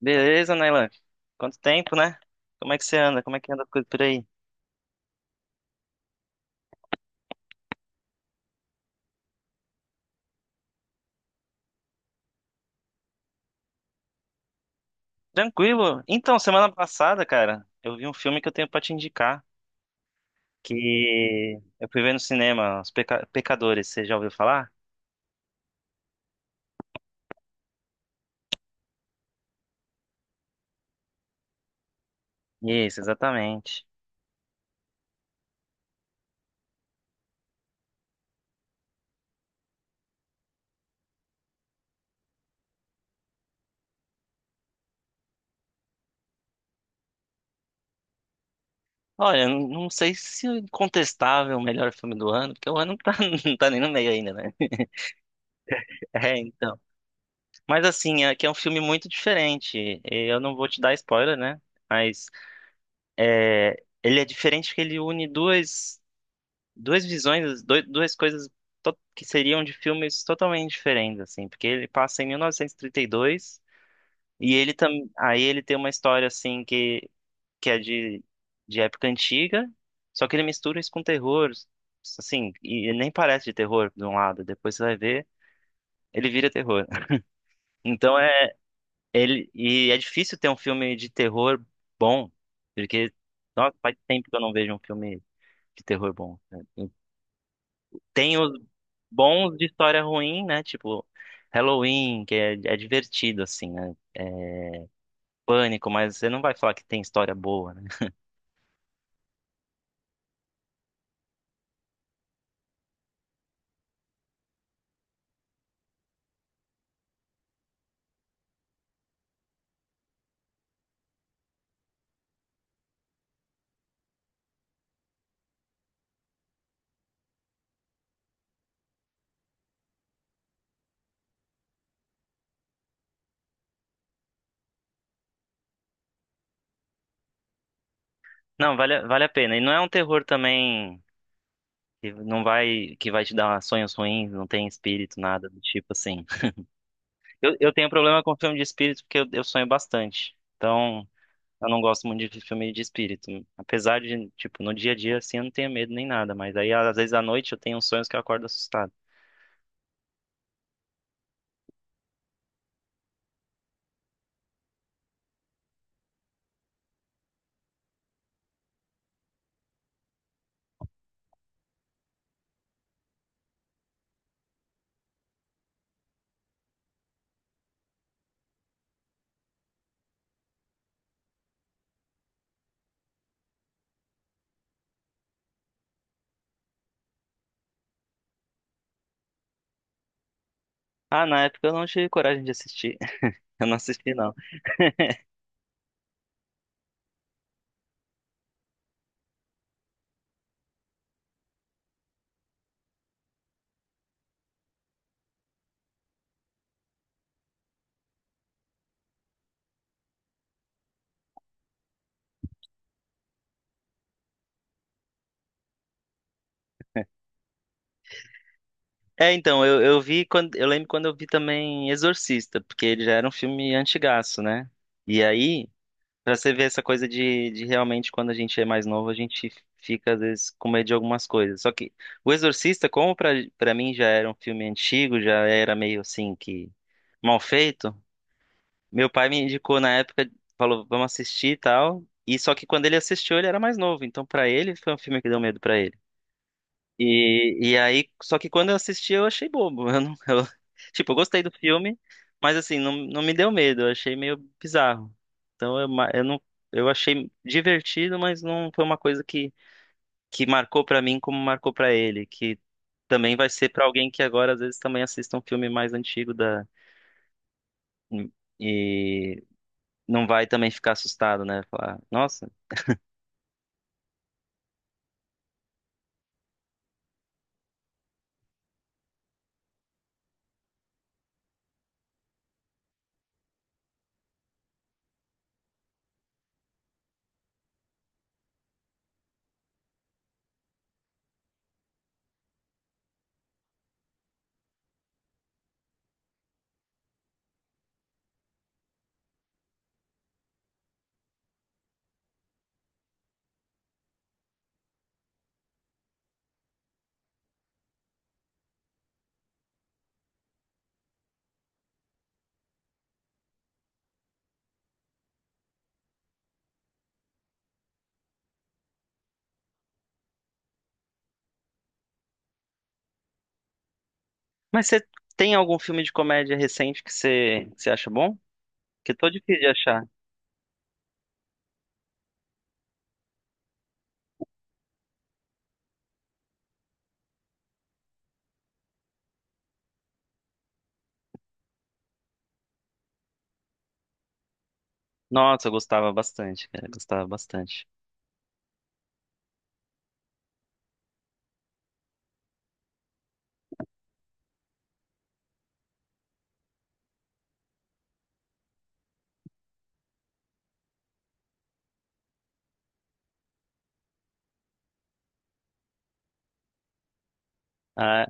Beleza, Nailan? Quanto tempo, né? Como é que você anda? Como é que anda a coisa por aí? Tranquilo? Então, semana passada, cara, eu vi um filme que eu tenho pra te indicar, que eu fui ver no cinema, Os Pecadores, você já ouviu falar? Isso, exatamente. Olha, eu não sei se o incontestável é o melhor filme do ano, porque o ano não tá, não tá nem no meio ainda, né? É, então. Mas assim, é que é um filme muito diferente. Eu não vou te dar spoiler, né? Mas ele é diferente porque ele une duas visões, duas coisas que seriam de filmes totalmente diferentes, assim, porque ele passa em 1932 e trinta e dois e ele também, aí ele tem uma história assim que é de época antiga, só que ele mistura isso com terror, assim, e nem parece de terror de um lado, depois você vai ver, ele vira terror. Então é ele e é difícil ter um filme de terror bom, porque nossa, faz tempo que eu não vejo um filme de terror bom, né? Tem os bons de história ruim, né? Tipo, Halloween, é divertido, assim, né? É pânico, mas você não vai falar que tem história boa, né? Não, vale, vale a pena. E não é um terror também que não vai, que vai te dar sonhos ruins, não tem espírito, nada do tipo assim. Eu tenho problema com filme de espírito porque eu sonho bastante. Então, eu não gosto muito de filme de espírito. Apesar de, tipo, no dia a dia, assim, eu não tenho medo nem nada. Mas aí, às vezes, à noite, eu tenho uns sonhos que eu acordo assustado. Ah, na época eu não tive coragem de assistir. Eu não assisti, não. É, então, eu vi quando. Eu lembro quando eu vi também Exorcista, porque ele já era um filme antigaço, né? E aí, pra você ver essa coisa de realmente quando a gente é mais novo, a gente fica, às vezes, com medo de algumas coisas. Só que o Exorcista, como pra mim já era um filme antigo, já era meio assim que mal feito, meu pai me indicou na época, falou, vamos assistir e tal. E só que quando ele assistiu, ele era mais novo. Então, pra ele, foi um filme que deu medo pra ele. E aí, só que quando eu assisti, eu achei bobo. Eu não- eu- tipo, eu gostei do filme, mas assim, não me deu medo, eu achei meio bizarro. Então eu achei divertido, mas não foi uma coisa que marcou pra mim como marcou pra ele, que também vai ser pra alguém que agora às vezes também assista um filme mais antigo da e não vai também ficar assustado, né? Falar, nossa. Mas você tem algum filme de comédia recente que que você acha bom? Que eu tô difícil de achar. Nossa, eu gostava bastante, cara. Gostava bastante. Ah,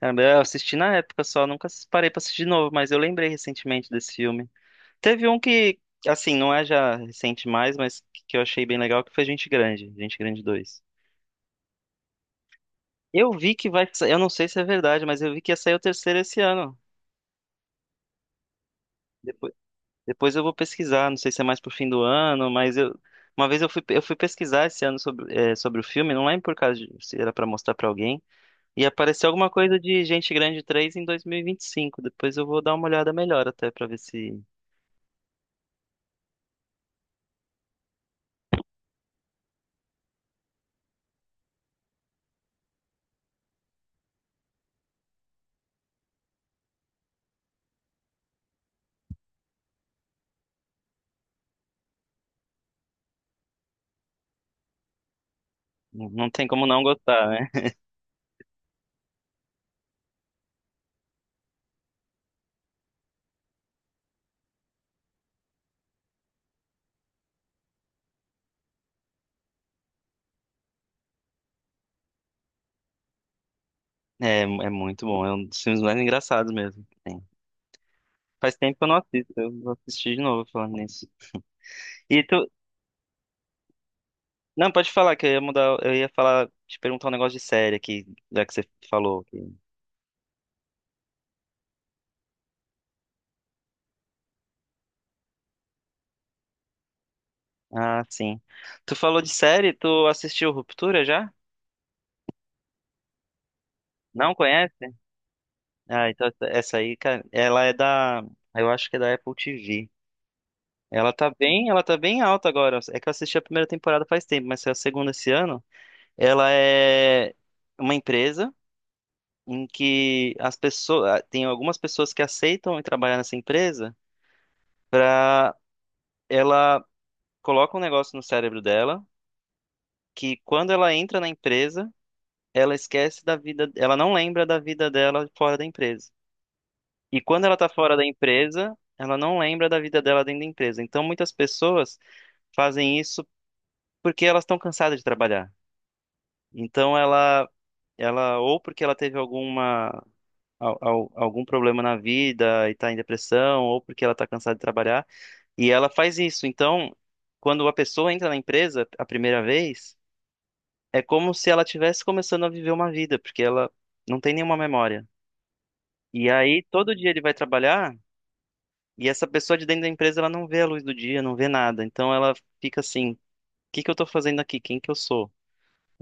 caramba, eu assisti na época só, nunca parei pra assistir de novo, mas eu lembrei recentemente desse filme. Teve um que, assim, não é já recente mais, mas que eu achei bem legal, que foi Gente Grande, Gente Grande dois. Eu vi que vai, eu não sei se é verdade, mas eu vi que ia sair o terceiro esse ano. Depois, depois eu vou pesquisar, não sei se é mais pro fim do ano, mas eu, uma vez eu fui pesquisar esse ano sobre, sobre o filme, não lembro por causa de, se era pra mostrar pra alguém. E apareceu alguma coisa de Gente Grande três em 2025. Depois eu vou dar uma olhada melhor até pra ver se. Não não tem como não gostar, né? É, é muito bom. É um dos filmes mais engraçados mesmo que tem. Faz tempo que eu não assisto. Eu vou assistir de novo falando nisso. E tu. Não, pode falar, que eu ia mudar. Eu ia falar, te perguntar um negócio de série aqui, já que você falou. Que- Ah, sim. Tu falou de série, tu assistiu Ruptura já? Não conhece? Ah, então essa aí, cara, ela é da. Eu acho que é da Apple TV. Ela tá ela tá bem alta agora. É que eu assisti a primeira temporada faz tempo, mas saiu a segunda esse ano. Ela é uma empresa em que as pessoas, tem algumas pessoas que aceitam ir trabalhar nessa empresa pra ela coloca um negócio no cérebro dela que quando ela entra na empresa, ela esquece da vida, ela não lembra da vida dela fora da empresa. E quando ela tá fora da empresa, ela não lembra da vida dela dentro da empresa. Então muitas pessoas fazem isso porque elas estão cansadas de trabalhar. Então ela ou porque ela teve algum problema na vida e tá em depressão, ou porque ela tá cansada de trabalhar, e ela faz isso. Então, quando a pessoa entra na empresa a primeira vez, é como se ela estivesse começando a viver uma vida, porque ela não tem nenhuma memória. E aí todo dia ele vai trabalhar e essa pessoa de dentro da empresa ela não vê a luz do dia, não vê nada. Então ela fica assim, o que que eu tô fazendo aqui? Quem que eu sou?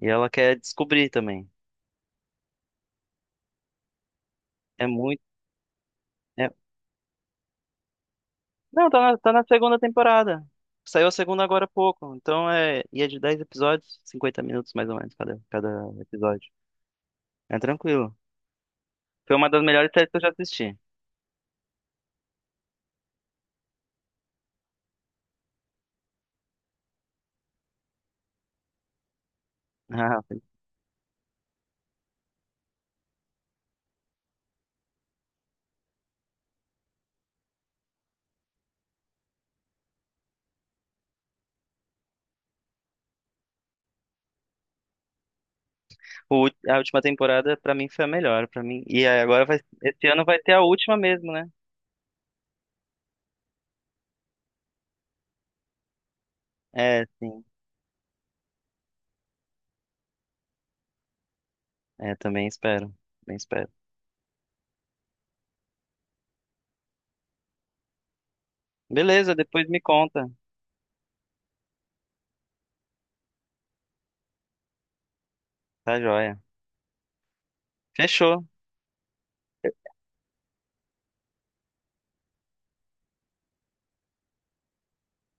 E ela quer descobrir também. É muito é Não, tá na segunda temporada. Saiu a segunda agora há pouco. Então é. E é de 10 episódios, 50 minutos mais ou menos cada, cada episódio. É tranquilo. Foi uma das melhores séries que eu já assisti. Ah, a última temporada pra mim foi a melhor, para mim. E aí agora vai, esse ano vai ter a última mesmo, né? É, sim. É, também espero. Também espero. Beleza, depois me conta. Tá joia. Fechou.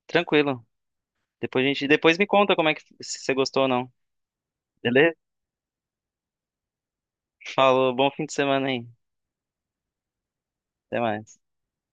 Tranquilo. Depois me conta como é que se você gostou ou não. Beleza? Falou, bom fim de semana aí. Até mais.